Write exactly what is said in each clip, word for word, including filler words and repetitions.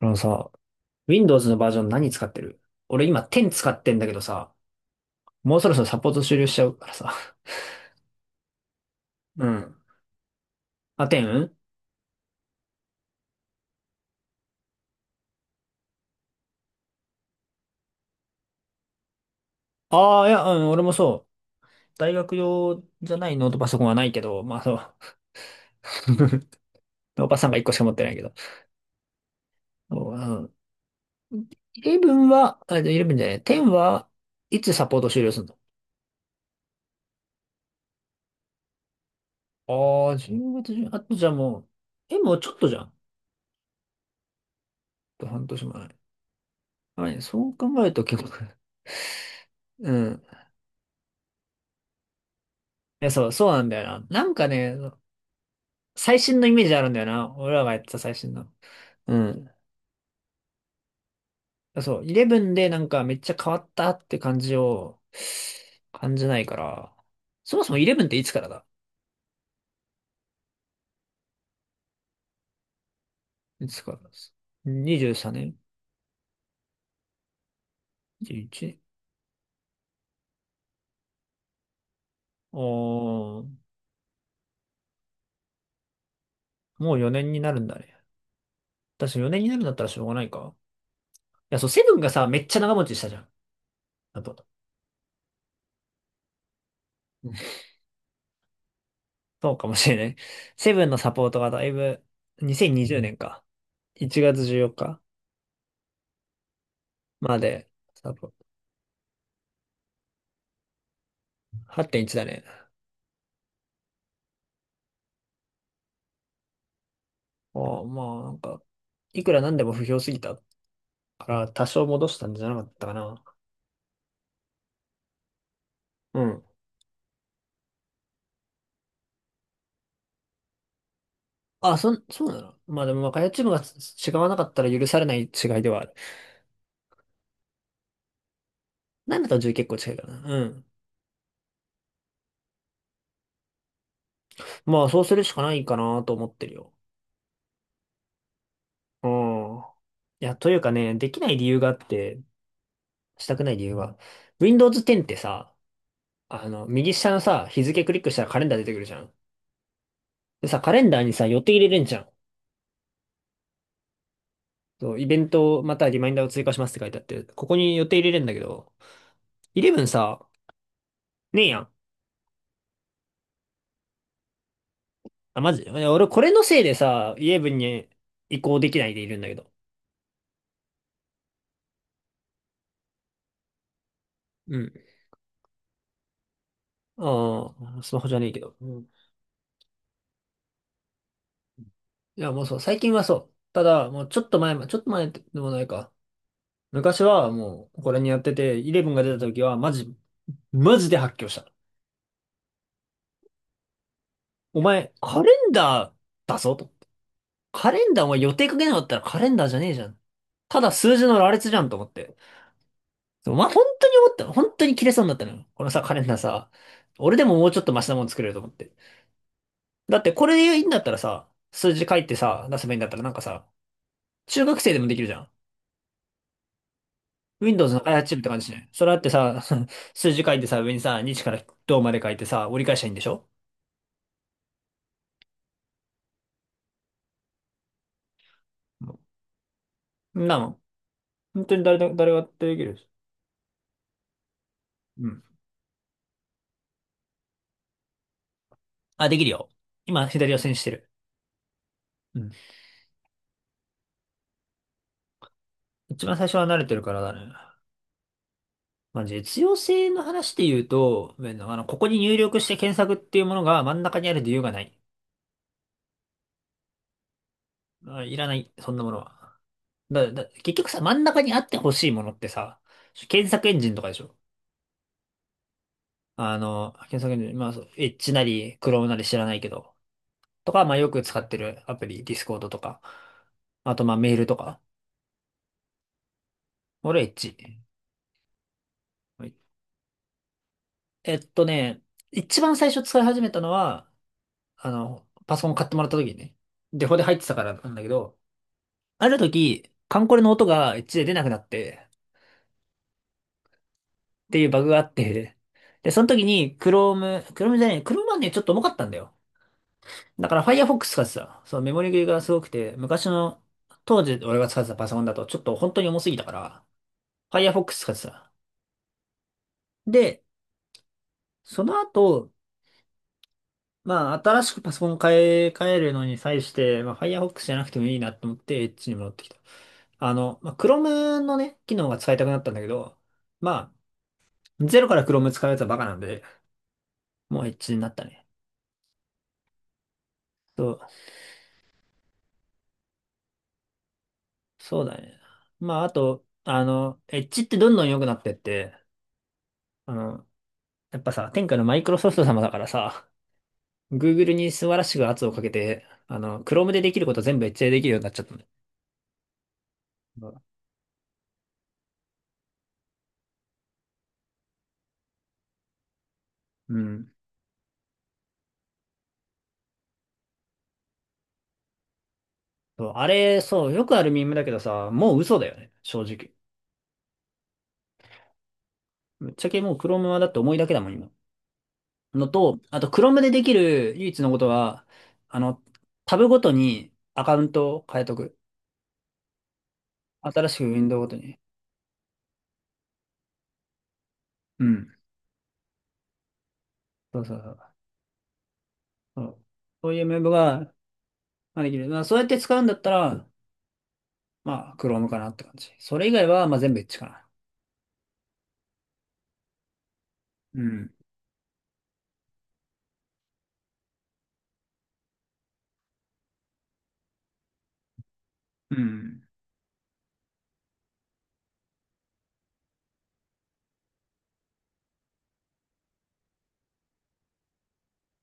あのさ、Windows のバージョン何使ってる？俺今じゅう使ってんだけどさ、もうそろそろサポート終了しちゃうからさ。うん。あ、じゅう? ああー、いや、うん、俺もそう。大学用じゃないノートパソコンはないけど、まあそう。ノーパソコンがいっこしか持ってないけど。そう、うん。じゅういちは、あ、じゃあじゅういちじゃない。じゅうはいつサポート終了するの？ああー、じゅうがつ中、あとじゃあもう、え、もうちょっとじゃん。あと半年前。はい、そう考えると結構、うん。いや、そう、そうなんだよな。なんかね、最新のイメージあるんだよな。俺らがやってた最新の。うん。そう、じゅういちでなんかめっちゃ変わったって感じを感じないから、そもそもじゅういちっていつからだ？いつからです？にじゅうさんねん ?にじゅういち? おー、もうよねんになるんだね。私よねんになるんだったらしょうがないか。いや、そう、セブンがさ、めっちゃ長持ちしたじゃん。あと、うん、そうかもしれない。セブンのサポートがだいぶ、にせんにじゅうねんか。いちがつじゅうよっかまで、サポートはいてんいちだね。ああ、まあ、なんか、いくらなんでも不評すぎたから、多少戻したんじゃなかったかな。うん。あ、そん、そうなの？まあでも、まあ、開発チームが違わなかったら許されない違いではある。ななといち結構近いからな。うん。まあ、そうするしかないかなと思ってるよ。うん。いや、というかね、できない理由があって、したくない理由は、Windows じゅうってさ、あの、右下のさ、日付クリックしたらカレンダー出てくるじゃん。でさ、カレンダーにさ、予定入れれんじゃん。そう、イベントまたはリマインダーを追加しますって書いてあって、ここに予定入れれんだけど、イレブンさ、ねえやん。あ、マジ俺、俺これのせいでさ、イレブンに移行できないでいるんだけど。うん。ああ、スマホじゃねえけど。うん。いや、もうそう、最近はそう。ただ、もうちょっと前ま、ちょっと前でもないか。昔はもう、これにやってて、イレブンが出た時は、マジ、マジで発狂した。お前、カレンダーだぞと。カレンダーお前予定かけなかったらカレンダーじゃねえじゃん。ただ数字の羅列じゃんと思って。そう、まあ、本当に思った。本当に切れそうになったのよ。このさ、カレンダーさ、俺でももうちょっとマシなもの作れると思って。だってこれでいいんだったらさ、数字書いてさ、出せばいいんだったらなんかさ、中学生でもできるじゃん。Windows の開発チームって感じしない？それだってさ、数字書いてさ、上にさ、日からどうまで書いてさ、折り返したらいいんでしょ？うんなの。本当に誰だ、誰ができる？うん。あ、できるよ。今、左を線してる。うん。一番最初は慣れてるからだね。まあ、実用性の話で言うと、まあのあの、ここに入力して検索っていうものが真ん中にある理由がない。あ、いらない、そんなものは。だ、だ、結局さ、真ん中にあってほしいものってさ、検索エンジンとかでしょ。あの、検索エンジン、まあ、そう、エッジなり、クロームなり知らないけど、とか、まあ、よく使ってるアプリ、ディスコードとか、あと、まあ、メールとか。俺、エッジ。はい。えっとね、一番最初使い始めたのは、あの、パソコン買ってもらった時にね、デフォで入ってたからなんだけど、ある時、カンコレの音がエッチで出なくなって、っていうバグがあって、で、その時に Chrome、Chrome じゃない、Chrome はね、ちょっと重かったんだよ。だから Firefox 使ってた。そう、メモリ切れがすごくて、昔の、当時俺が使ってたパソコンだとちょっと本当に重すぎたから、Firefox 使ってた。で、その後、まあ、新しくパソコン買い替えるのに際して、まあ、Firefox じゃなくてもいいなと思って、エッチに戻ってきた。あの、まあ、Chrome のね、機能が使いたくなったんだけど、まあ、ゼロから Chrome 使うやつはバカなんで、もうエッジになったね。そう、そうだね。まあ、あと、あの、エッジってどんどん良くなってって、あの、やっぱさ、天下のマイクロソフト様だからさ、Google に素晴らしく圧をかけて、あの、Chrome でできること全部エッジでできるようになっちゃったね。うん。そう、あれ、そう、よくあるミームだけどさ、もう嘘だよね、正直。ぶっちゃけもう Chrome はだって重いだけだもん、今。のと、あと Chrome でできる唯一のことは、あの、タブごとにアカウントを変えとく。新しくウィンドウごとに。うん。そうそうそう。そう、そういうメモが、まあ、できる。まあ、そうやって使うんだったら、まあ、Chrome かなって感じ。それ以外は、まあ、全部エッチかな。うん。うん。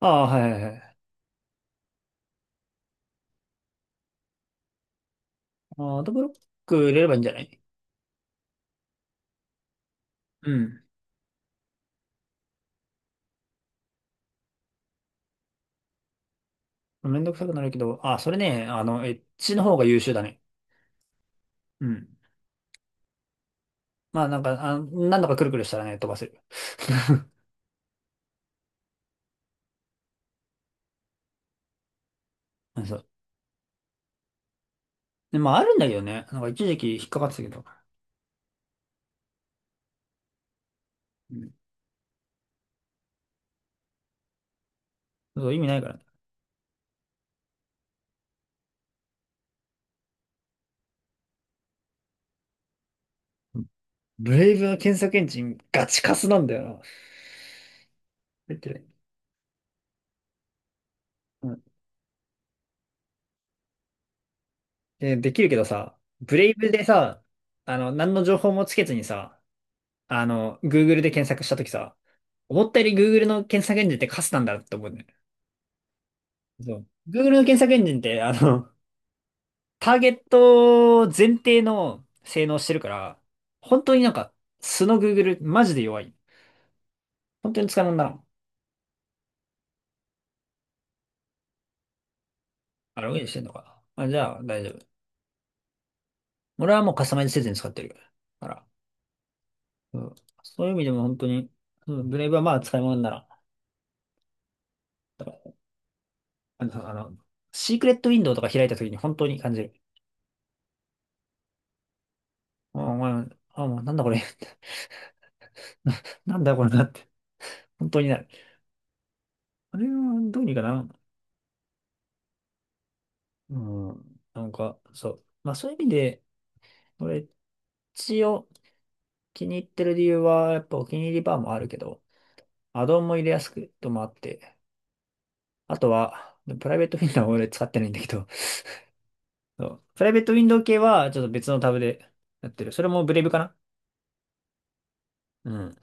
ああ、はいはいはい。あ、アドブロック入れればいいんじゃない？うん。めんどくさくなるけど、あ、それね、あの、エッ g の方が優秀だね。うん。まあ、なんか、あ、何度かくるくるしたらね、飛ばせる。そう。で、まあ、あるんだけどね。なんか、一時期引っかかってたけど。うん、そう、意味ないからね。ブレイブの検索エンジンガチカスなんだよな。入ってない？えー、できるけどさ、ブレイブでさ、あの、何の情報もつけずにさ、あの、Google で検索したときさ、思ったより Google の検索エンジンってカスなんだって思うね。そう。Google の検索エンジンって、あの、ターゲット前提の性能してるから、本当になんか、素の Google、マジで弱い。本当に使わんだな。あ、ログインしてんのかな。あ、じゃあ、大丈夫。俺はもうカスタマイズせずに使ってるから。うん。そういう意味でも本当に、うん、ブレイブはまあ使い物にならん。あの、あのシークレットウィンドウとか開いた時に本当に感じる。あ、お前、あ、もうなんだこれ。な、なんだこれなって。本当になる。あれはどうにかな。うん。なんか、そう。まあそういう意味で、俺、一応気に入ってる理由は、やっぱお気に入りバーもあるけど、アドオンも入れやすくともあって、あとは、プライベートウィンドウは俺使ってないんだけど、そう、プライベートウィンドウ系はちょっと別のタブでやってる。それもブレイブかな？うん。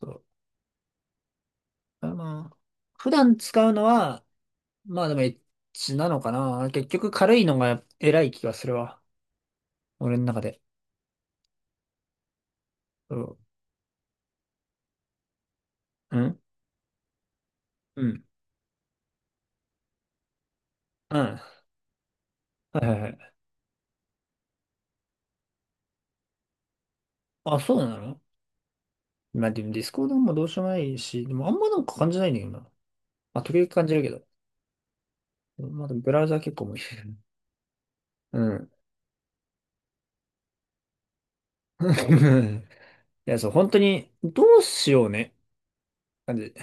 そう。あ、まあ、普段使うのは、まあでもエッチなのかな。結局軽いのが偉い気がするわ。俺の中で。そう、ん。うんうん。うん、はいはいはい。あ、そうなの？まあでもディスコードもどうしようもないし、でもあんまなんか感じないんだよな。まあ時々感じるけど。まあでもブラウザ結構もいい。うん。いや、そう、本当に、どうしようね。感じ。